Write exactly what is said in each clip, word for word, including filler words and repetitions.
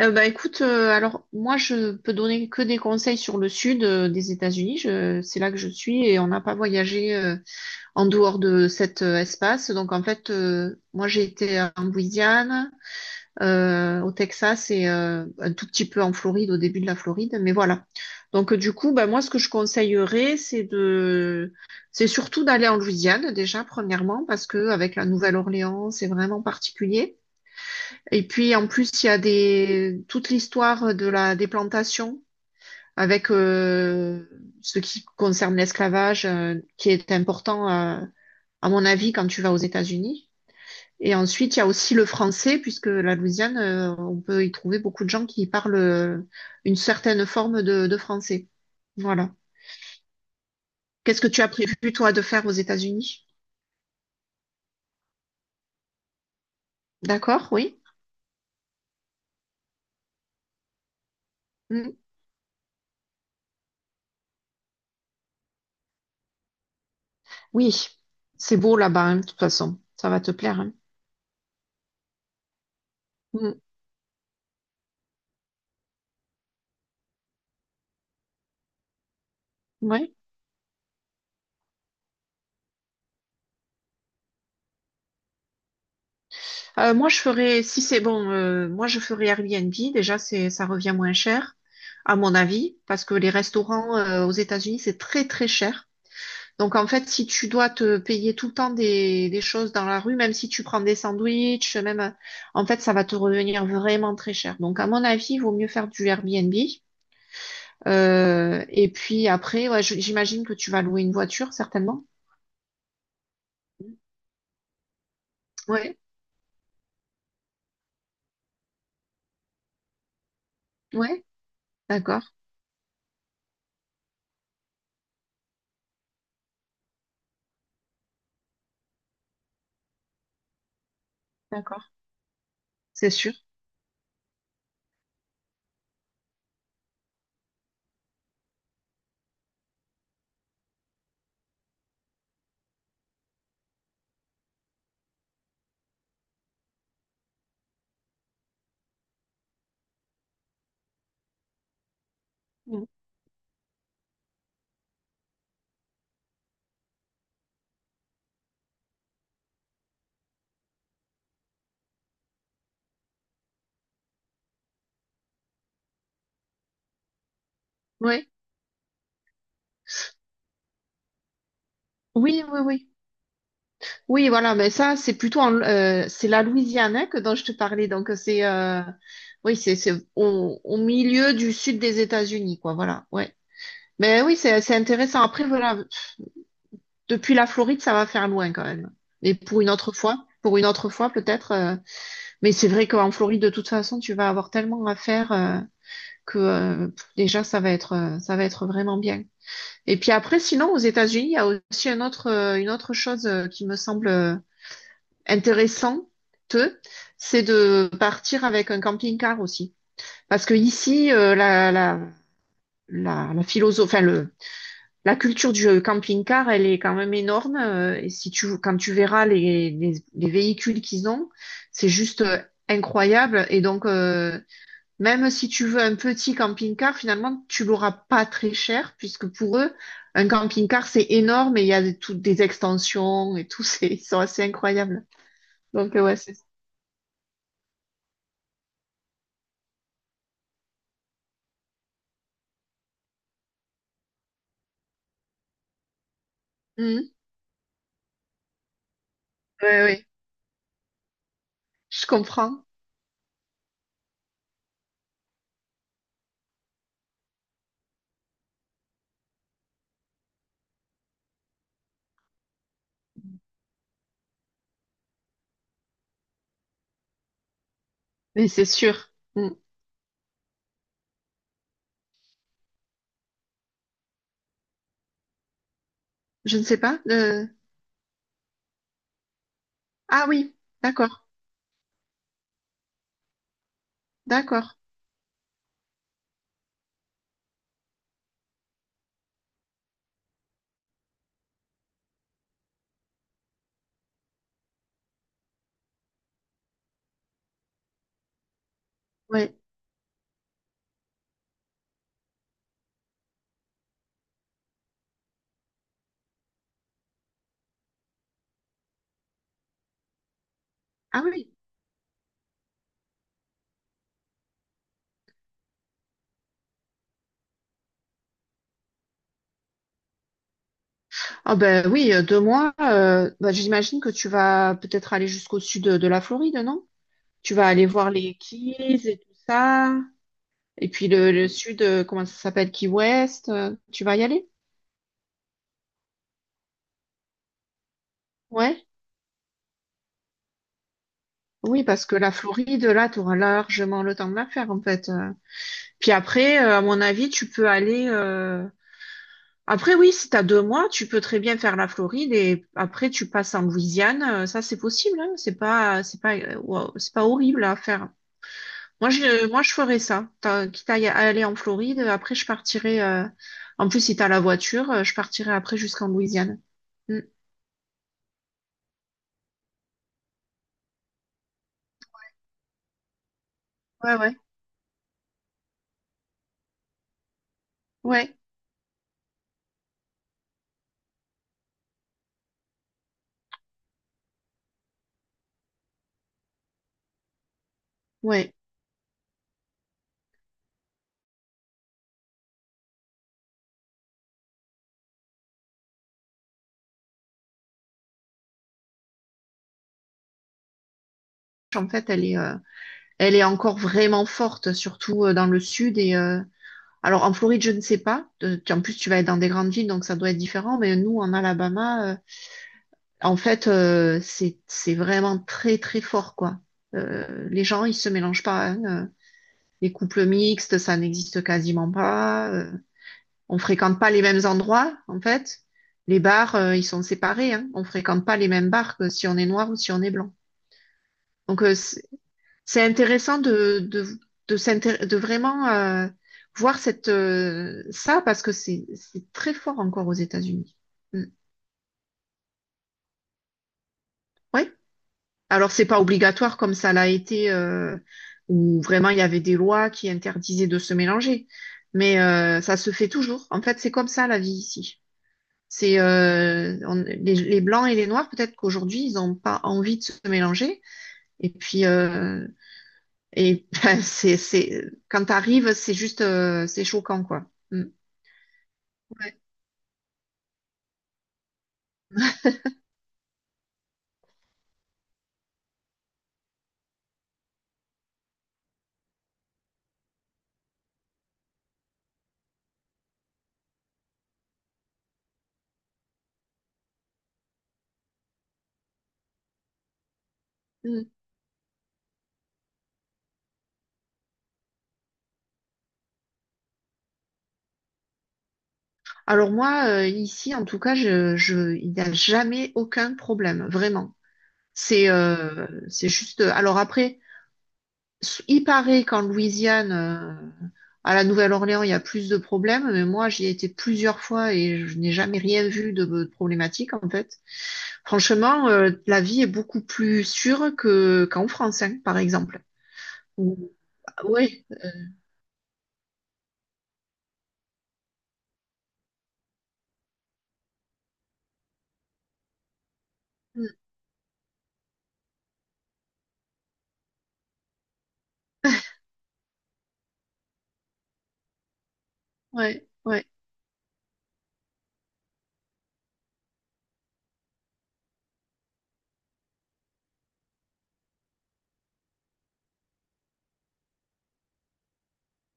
Euh, bah écoute, euh, alors moi je peux donner que des conseils sur le sud euh, des États-Unis. Je- C'est là que je suis et on n'a pas voyagé euh, en dehors de cet euh, espace. Donc en fait, euh, moi j'ai été en Louisiane, euh, au Texas et euh, un tout petit peu en Floride, au début de la Floride. Mais voilà. Donc euh, du coup, bah moi ce que je conseillerais, c'est de, c'est surtout d'aller en Louisiane déjà premièrement parce que avec la Nouvelle-Orléans, c'est vraiment particulier. Et puis en plus, il y a des... toute l'histoire de la déplantation avec euh, ce qui concerne l'esclavage, euh, qui est important, euh, à mon avis, quand tu vas aux États-Unis. Et ensuite, il y a aussi le français, puisque la Louisiane, euh, on peut y trouver beaucoup de gens qui parlent euh, une certaine forme de, de français. Voilà. Qu'est-ce que tu as prévu, toi, de faire aux États-Unis? D'accord, oui. Mm. Oui, c'est beau là-bas, hein, de toute façon. Ça va te plaire, hein. Mm. Ouais. Euh, moi, je ferais, si c'est bon, euh, moi, je ferais Airbnb. Déjà, c'est, ça revient moins cher, à mon avis, parce que les restaurants, euh, aux États-Unis, c'est très, très cher. Donc, en fait, si tu dois te payer tout le temps des, des choses dans la rue, même si tu prends des sandwichs, même, euh, en fait, ça va te revenir vraiment très cher. Donc, à mon avis, il vaut mieux faire du Airbnb. Euh, et puis après, ouais, je- j'imagine que tu vas louer une voiture, certainement. Ouais, ouais, d'accord, d'accord, c'est sûr. Mm. Ouais. Oui, oui, oui. Oui, voilà, mais ça, c'est plutôt en- euh, c'est la Louisiane hein, que dont je te parlais. Donc euh, c'est euh, oui, c'est c'est au, au milieu du sud des États-Unis, quoi. Voilà, ouais. Mais oui, c'est c'est intéressant. Après, voilà, depuis la Floride, ça va faire loin quand même. Mais pour une autre fois, pour une autre fois peut-être. Euh, mais c'est vrai qu'en Floride, de toute façon, tu vas avoir tellement à faire euh, que euh, pff, déjà ça va être euh, ça va être vraiment bien. Et puis après, sinon, aux États-Unis, il y a aussi un autre, euh, une autre chose euh, qui me semble euh, intéressant, c'est de partir avec un camping-car aussi. Parce que ici, euh, la, la, la, la philosophe, enfin, le, la culture du camping-car, elle est quand même énorme. Euh, et si tu, quand tu verras les, les, les véhicules qu'ils ont, c'est juste euh, incroyable. Et donc, euh, même si tu veux un petit camping-car, finalement, tu l'auras pas très cher, puisque pour eux, un camping-car, c'est énorme et il y a des- toutes des extensions et tout, c'est, ils sont assez incroyables. Donc, euh, ouais, c'est. Ça. Mhm. Oui, oui, je comprends, mais c'est sûr. Mm. Je ne sais pas. euh, Ah oui, d'accord, d'accord. Oui. Ah oui. Ah ben oui, euh, deux mois. Euh, bah, j'imagine que tu vas peut-être aller jusqu'au sud de, de la Floride, non? Tu vas aller voir les Keys et tout ça. Et puis le, le sud, euh, comment ça s'appelle? Key West. Euh, tu vas y aller? Ouais. Oui, parce que la Floride, là, tu auras largement le temps de la faire, en fait. Euh. Puis après, euh, à mon avis, tu peux aller. euh, Après, oui, si t'as deux mois, tu peux très bien faire la Floride et après tu passes en Louisiane. Euh, Ça, c'est possible, hein. C'est pas, c'est pas, euh, wow, c'est pas horrible à faire. Moi, je, euh, moi, je ferais ça. T'as- Quitte à y- à aller en Floride, après je partirai. euh, En plus, si t'as la voiture, euh, je partirai après jusqu'en Louisiane. Mm. Ouais, ouais, ouais, ouais. En fait, elle est, euh, elle est encore vraiment forte, surtout euh, dans le sud et. euh, Alors en Floride, je ne sais pas. Euh, tu- En plus, tu vas être dans des grandes villes, donc ça doit être différent. Mais nous, en Alabama, en fait, euh, c'est c'est vraiment très très fort quoi. Euh, les gens ils se mélangent pas, hein. Euh, les couples mixtes ça n'existe quasiment pas. Euh, on fréquente pas les mêmes endroits en fait. Les bars euh, ils sont séparés. Hein. On fréquente pas les mêmes bars que si on est noir ou si on est blanc. Donc euh, c'est c'est intéressant de de de, s'intér- de vraiment euh, voir cette euh, ça parce que c'est c'est très fort encore aux États-Unis. Mm. Ouais. Alors, c'est pas obligatoire comme ça l'a été, euh, où vraiment il y avait des lois qui interdisaient de se mélanger. Mais euh, ça se fait toujours. En fait, c'est comme ça la vie ici. C'est euh, on- les, les blancs et les noirs, peut-être qu'aujourd'hui, ils n'ont pas envie de se mélanger. Et puis, euh, et ben, c'est, c'est, quand t'arrives, c'est juste, euh, c'est choquant, quoi. Mm. Ouais. Mm. Alors moi, euh, ici, en tout cas, je, je, il n'y a jamais aucun problème, vraiment. C'est euh, c'est juste. euh, Alors après, il paraît qu'en Louisiane, euh, à la Nouvelle-Orléans, il y a plus de problèmes, mais moi, j'y ai été plusieurs fois et je n'ai jamais rien vu de, de problématique, en fait. Franchement, euh, la vie est beaucoup plus sûre que, qu'en France, hein, par exemple. Ou- ouais, euh, mm, ouais, ouais,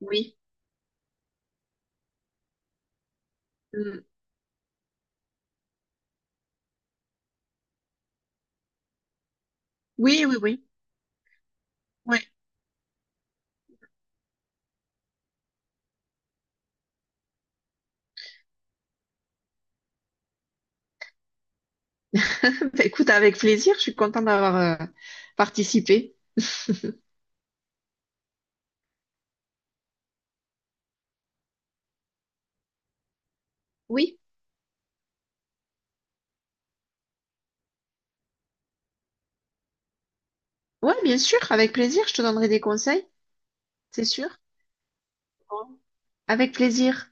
oui. Mm. Oui, oui, oui. Ouais. Bah, écoute, avec plaisir, je suis contente d'avoir euh, participé. Oui, ouais, bien sûr, avec plaisir, je te donnerai des conseils, c'est sûr. Bon. Avec plaisir.